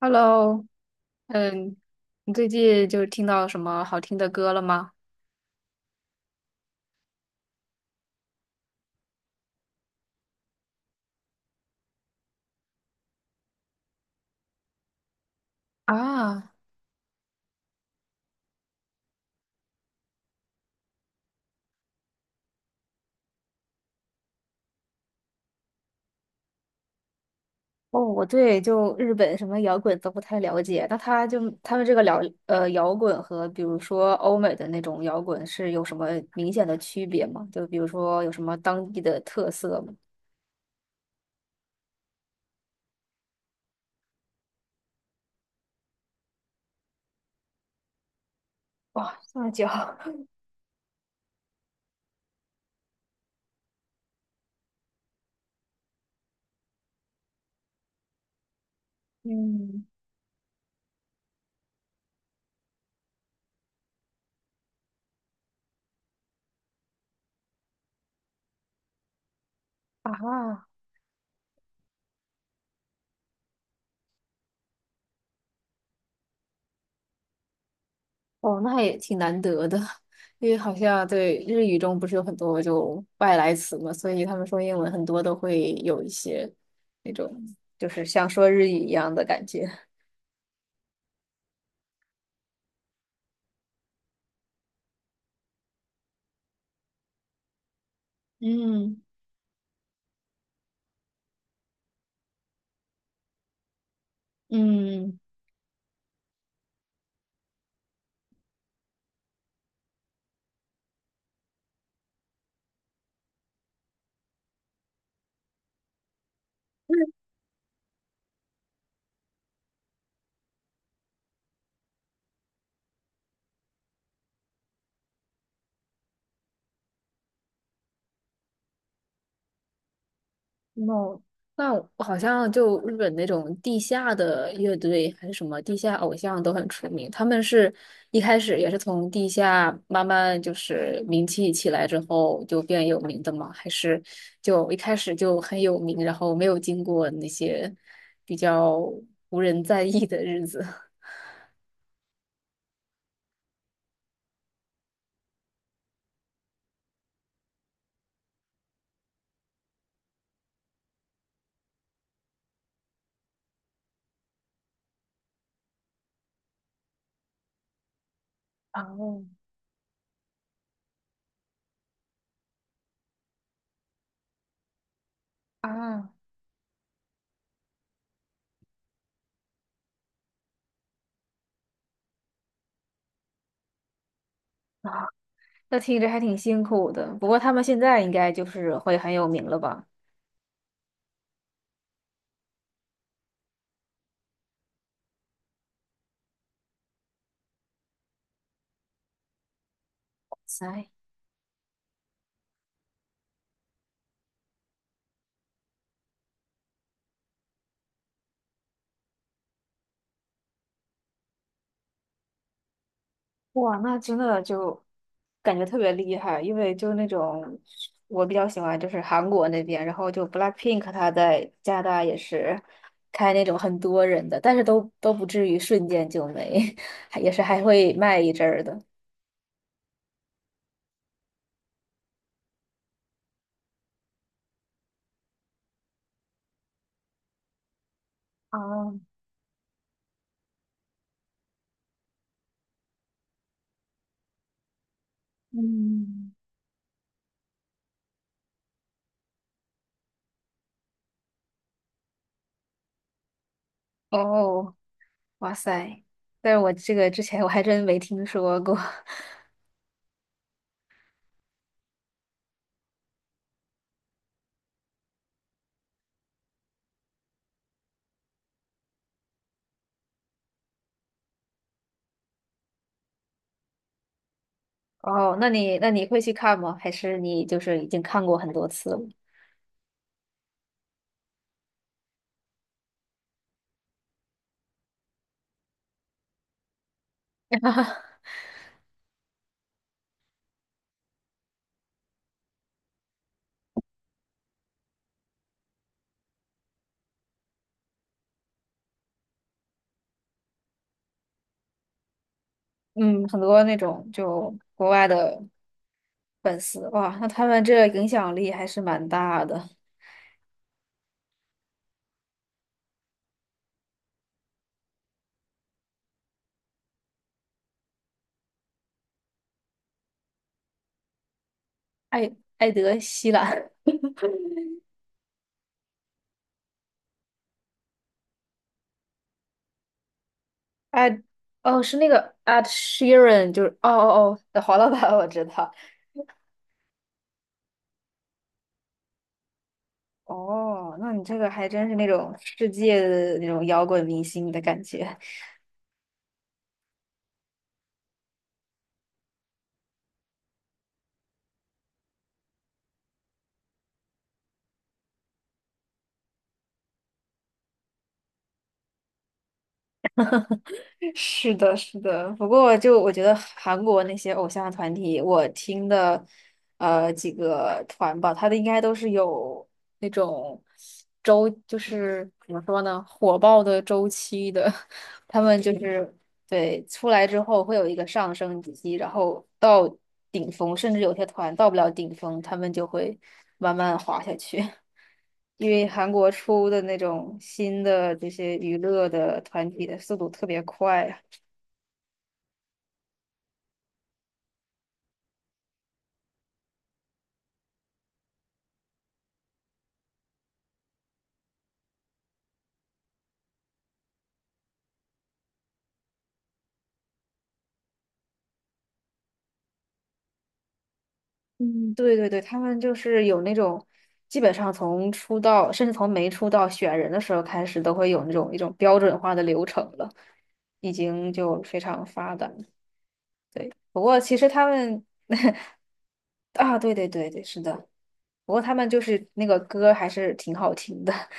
Hello，嗯，你最近听到什么好听的歌了吗？啊。哦，我对日本什么摇滚都不太了解，那他们这个了，摇滚和比如说欧美的那种摇滚是有什么明显的区别吗？就比如说有什么当地的特色吗？哇，这么久。嗯。啊。哦，那也挺难得的，因为好像对日语中不是有很多外来词嘛，所以他们说英文很多都会有一些那种，就是像说日语一样的感觉。嗯嗯。哦，那我好像日本那种地下的乐队还是什么地下偶像都很出名，他们是一开始也是从地下慢慢名气起来之后就变有名的吗？还是就一开始就很有名，然后没有经过那些比较无人在意的日子？哦。啊。啊，那听着还挺辛苦的。不过他们现在应该就是会很有名了吧？塞。哇，那真的就感觉特别厉害，因为那种我比较喜欢韩国那边，然后BLACKPINK 他在加拿大也是开那种很多人的，但是都不至于瞬间就没，还也是还会卖一阵儿的。啊。嗯。哦，哇塞！但是我这个之前我还真没听说过。哦，那你会去看吗？还是你就是已经看过很多次了？嗯，很多那种国外的粉丝哇，那他们这影响力还是蛮大的。艾，艾德希兰。艾，哦是那个 Ed Sheeran 就是哦哦哦，黄老板我知道。哦，那你这个还真是那种世界的那种摇滚明星的感觉。是的，是的。不过就我觉得韩国那些偶像团体，我听的几个团吧，他的应该都是有那种周，就是怎么说呢，火爆的周期的。他们就是对出来之后会有一个上升期，然后到顶峰，甚至有些团到不了顶峰，他们就会慢慢滑下去。因为韩国出的那种新的这些娱乐的团体的速度特别快啊。嗯，对对对，他们就是有那种，基本上从出道，甚至从没出道选人的时候开始，都会有那种一种标准化的流程了，已经就非常发达了。不过其实他们啊，对对对对，是的。不过他们就是那个歌还是挺好听的。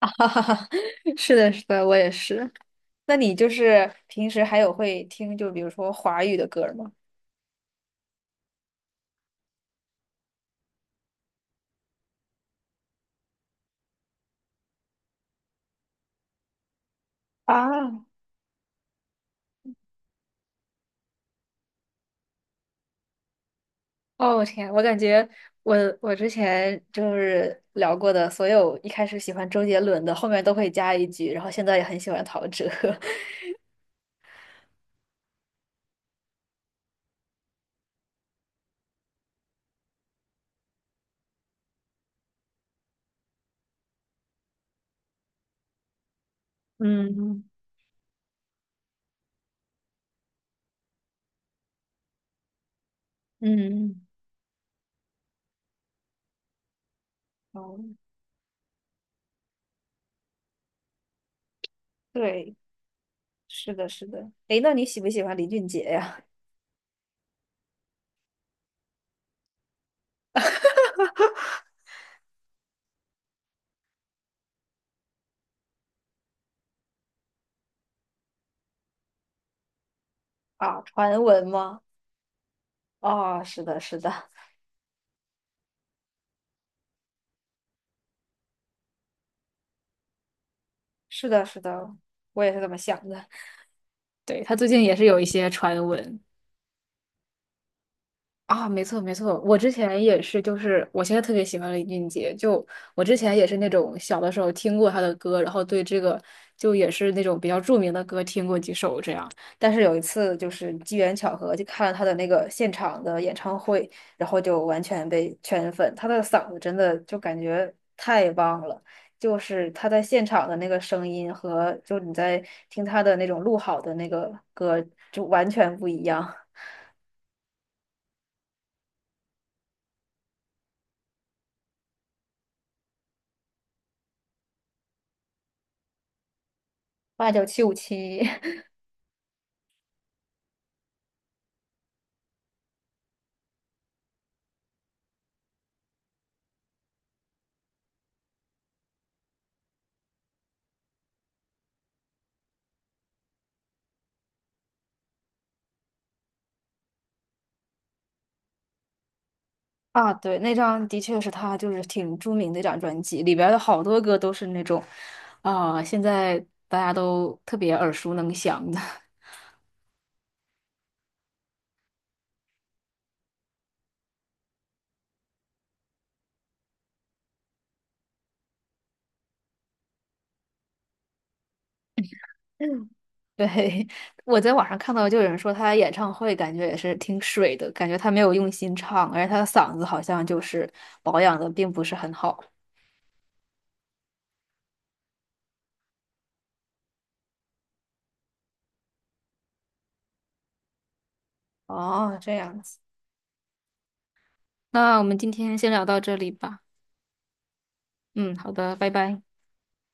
哈哈哈，是的，是的，我也是。那你就是平时还有会听，就比如说华语的歌吗？啊。哦，我天，我感觉我我之前就是聊过的所有一开始喜欢周杰伦的，后面都会加一句，然后现在也很喜欢陶喆。嗯嗯。哦，对。是的，是的。诶，那你喜不喜欢林俊杰呀？啊，传闻吗？哦，是的，是的，是的，是的，我也是这么想的。对，他最近也是有一些传闻。啊，没错没错，我之前也是，就是我现在特别喜欢林俊杰，就之前也是那种小的时候听过他的歌，然后对这个也是那种比较著名的歌听过几首这样，但是有一次就是机缘巧合，就看了他的那个现场的演唱会，然后就完全被圈粉，他的嗓子真的就感觉太棒了。就是他在现场的那个声音和你在听他的那种录好的那个歌就完全不一样。89757。啊，对，那张的确是他就是挺著名的一张专辑，里边儿的好多歌都是那种，啊、现在大家都特别耳熟能详的。嗯，对，我在网上看到，就有人说他演唱会感觉也是挺水的，感觉他没有用心唱，而且他的嗓子好像就是保养的并不是很好。哦，这样子，那我们今天先聊到这里吧。嗯，好的，拜拜。